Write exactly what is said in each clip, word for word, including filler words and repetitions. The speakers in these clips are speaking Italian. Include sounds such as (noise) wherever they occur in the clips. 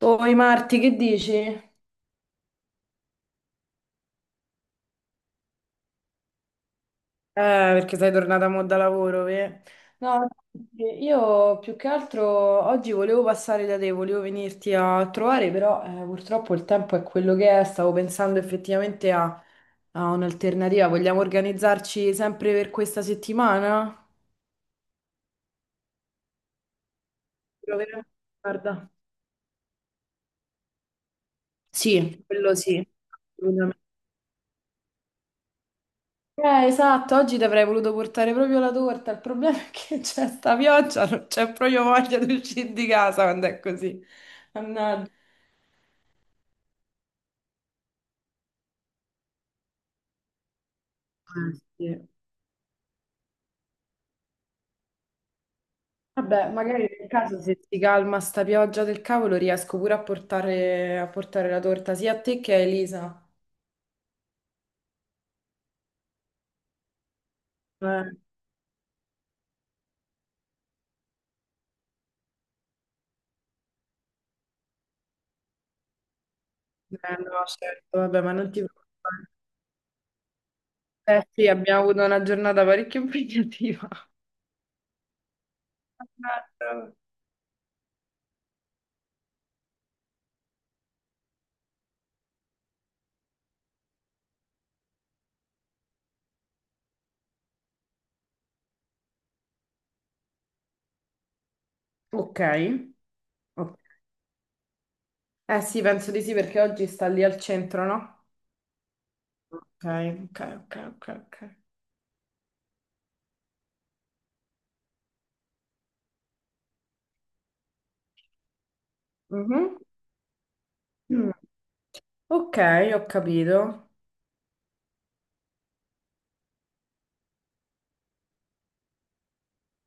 Oi Marti, che dici? Eh, Eh, perché sei tornata mo da lavoro, ve? No, sì, io più che altro oggi volevo passare da te, volevo venirti a trovare, però eh, purtroppo il tempo è quello che è, stavo pensando effettivamente a, a un'alternativa. Vogliamo organizzarci sempre per questa settimana? Proveremo. Guarda. Sì, quello sì. Eh, esatto, oggi ti avrei voluto portare proprio la torta. Il problema è che c'è sta pioggia, non c'è proprio voglia di uscire di casa quando è così. Mannaggia. Eh, sì. Vabbè, magari nel caso se si calma sta pioggia del cavolo riesco pure a portare, a portare la torta sia a te che a Elisa. Eh, eh, no, certo, vabbè, ma non ti preoccupare. Eh sì, abbiamo avuto una giornata parecchio (laughs) impegnativa. Mannaggia. Ok. Ok. Eh sì, penso di sì perché oggi sta lì al centro, no? Ok, ok, ok, ok, ok. Mhm. Mm. Ok, ho capito.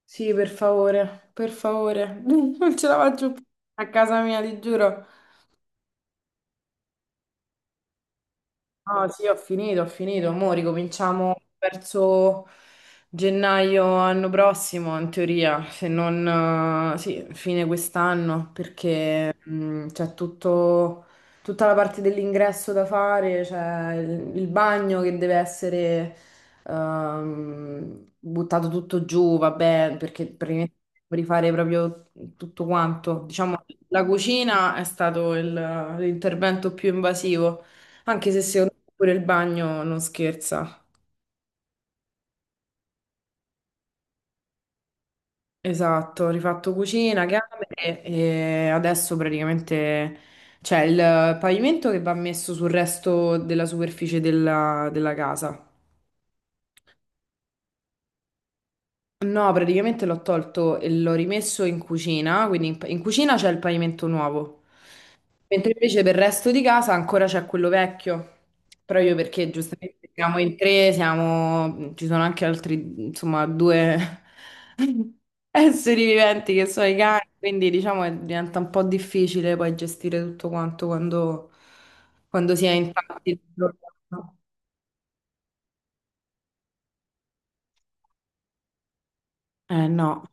Sì, per favore, per favore. (laughs) Non ce la faccio più a casa mia, ti giuro. Ah, sì, ho finito, ho finito. Mo' ricominciamo verso gennaio anno prossimo, in teoria, se non, eh, sì, fine quest'anno, perché mh, c'è tutto, tutta la parte dell'ingresso da fare, c'è il, il bagno che deve essere ehm, buttato tutto giù, vabbè, perché praticamente devo rifare proprio tutto quanto. Diciamo, la cucina è stato il- l'intervento più invasivo. Anche se secondo me pure il bagno non scherza. Esatto, ho rifatto cucina, camere e adesso praticamente c'è il pavimento che va messo sul resto della superficie della, della casa. No, praticamente l'ho tolto e l'ho rimesso in cucina, quindi in, in cucina c'è il pavimento nuovo, mentre invece per il resto di casa ancora c'è quello vecchio, proprio perché giustamente siamo in tre, siamo, ci sono anche altri, insomma, due (laughs) esseri viventi che sono i cani, quindi diciamo che diventa un po' difficile poi gestire tutto quanto quando, quando si è in tanti. Eh no.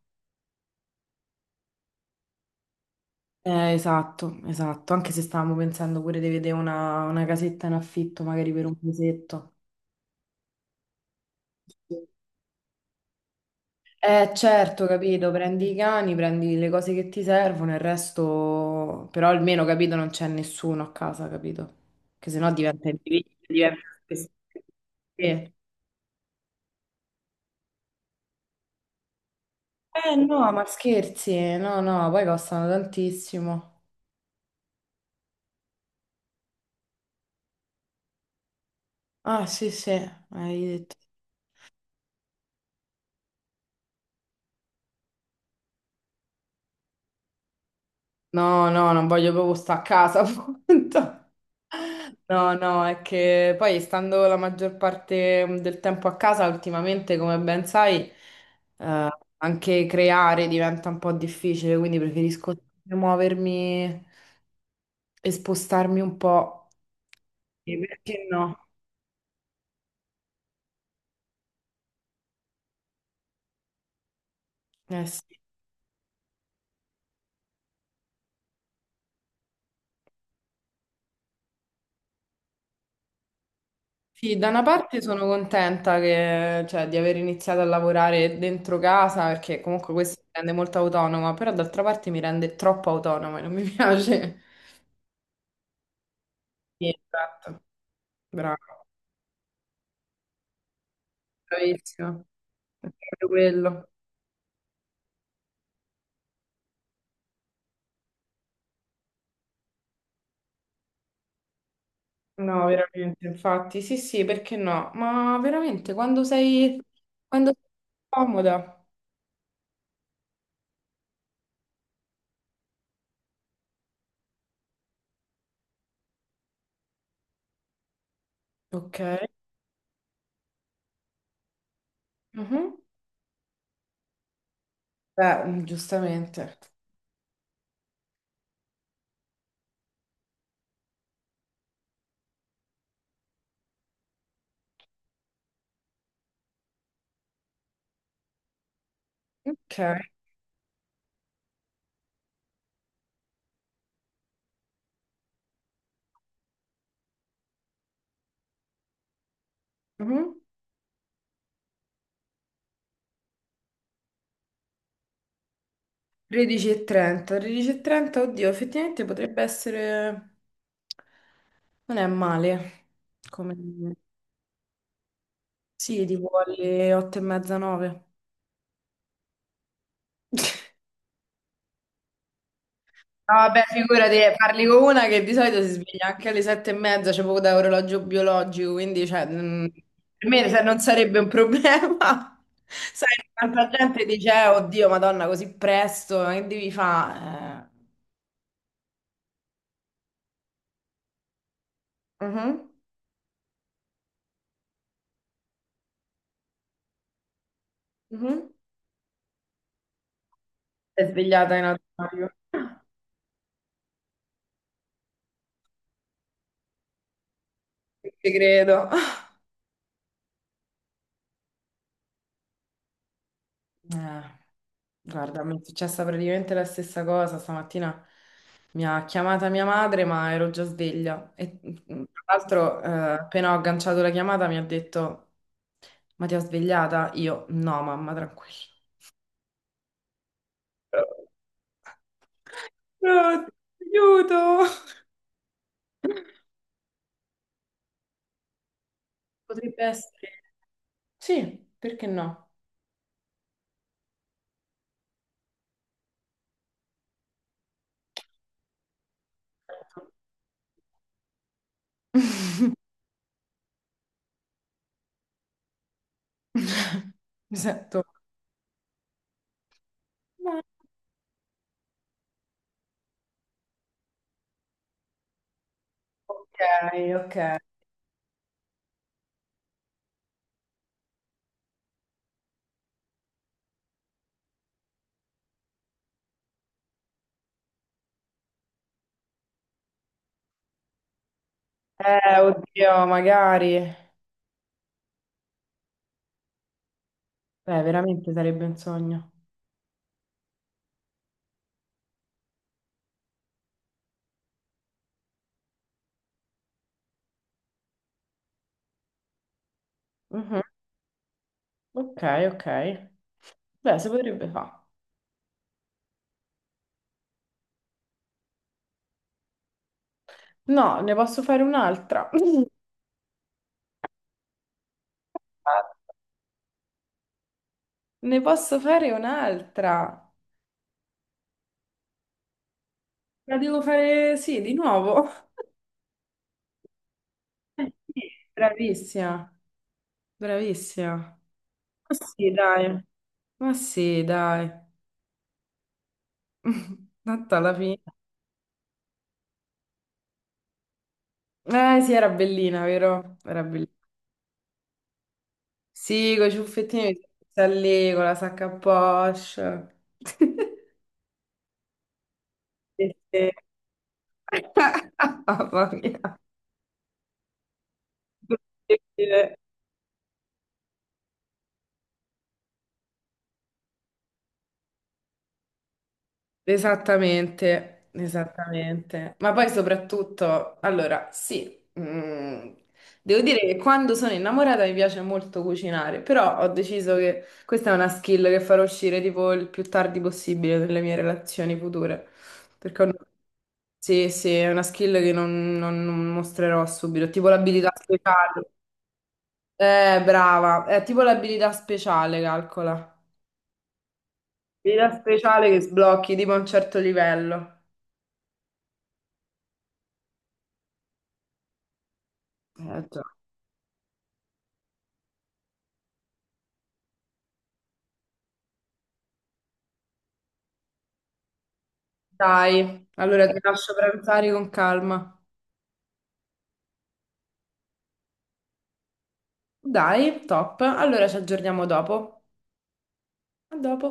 Eh, esatto, esatto, anche se stavamo pensando pure di vedere una, una casetta in affitto, magari per un mesetto. Eh, certo, capito, prendi i cani, prendi le cose che ti servono, il resto, però almeno, capito, non c'è nessuno a casa, capito? Che sennò diventa individui, diventa... Sì. Eh Eh, no, ma scherzi, no, no, poi costano tantissimo. Ah, sì, sì, hai detto. No, no, non voglio proprio stare a casa, (laughs) appunto. No, no, è che poi stando la maggior parte mm, del tempo a casa, ultimamente, come ben sai, eh, anche creare diventa un po' difficile, quindi preferisco muovermi e spostarmi un po'. E perché no? Eh sì. Sì, da una parte sono contenta che, cioè, di aver iniziato a lavorare dentro casa perché comunque questo mi rende molto autonoma, però d'altra parte mi rende troppo autonoma e non mi (laughs) piace. Sì, esatto, bravo, bravissimo. È proprio quello. No, veramente, infatti, sì, sì, perché no? Ma veramente, quando sei, quando sei comoda. Ok. Mhm. Beh, giustamente. Ok. Mhm. tredici e trenta, tredici e trenta, oddio, effettivamente potrebbe essere... Non è male, come... Sì, tipo alle otto e mezza, nove. No, vabbè, figurati, eh, parli con una che di solito si sveglia anche alle sette e mezza, c'è poco da orologio biologico, quindi cioè, mm, per me se- non sarebbe un problema. (laughs) Sai, tanta gente dice, "Eh, oddio, Madonna, così presto, che devi fare?" Eh, mhm, mhm. Sei svegliata in automatico. (laughs) Ti credo. Eh, guarda, mi è successa praticamente la stessa cosa. Stamattina mi ha chiamata mia madre, ma ero già sveglia. E mm, tra l'altro, eh, appena ho agganciato la chiamata, mi ha detto: "Ma ti ho svegliata?" Io, no, mamma, tranquilla. (laughs) No, aiuto! Potrebbe essere. Sì, perché no? (laughs) Mi sento. Ok, ok. Eh, oddio, magari. Beh, veramente sarebbe un sogno. Mhm. Ok, ok. Beh, si potrebbe fare. No, ne posso fare un'altra. (laughs) Ne posso fare un'altra. La devo fare, sì, di nuovo. Eh sì. Bravissima, bravissima. Ma sì, dai. Ma sì, dai. (laughs) Tanto alla fine. Eh sì, era bellina, vero? Era bellina. Sì, con i ciuffettini, sta lì, con la sacca a poche. (laughs) (laughs) Mamma mia. Incredibile. Esattamente, esattamente. Ma poi soprattutto, allora, sì, mm, devo dire che quando sono innamorata mi piace molto cucinare, però ho deciso che questa è una skill che farò uscire tipo il più tardi possibile nelle mie relazioni future. Perché ho- no, sì, sì, è una skill che non, non- non mostrerò subito, tipo l'abilità speciale. Eh, brava, è tipo l'abilità speciale, calcola. Abilità speciale che sblocchi tipo a un certo livello. Eh, già. Dai, allora ti lascio pranzare con calma. Dai, top. Allora ci aggiorniamo dopo. A dopo.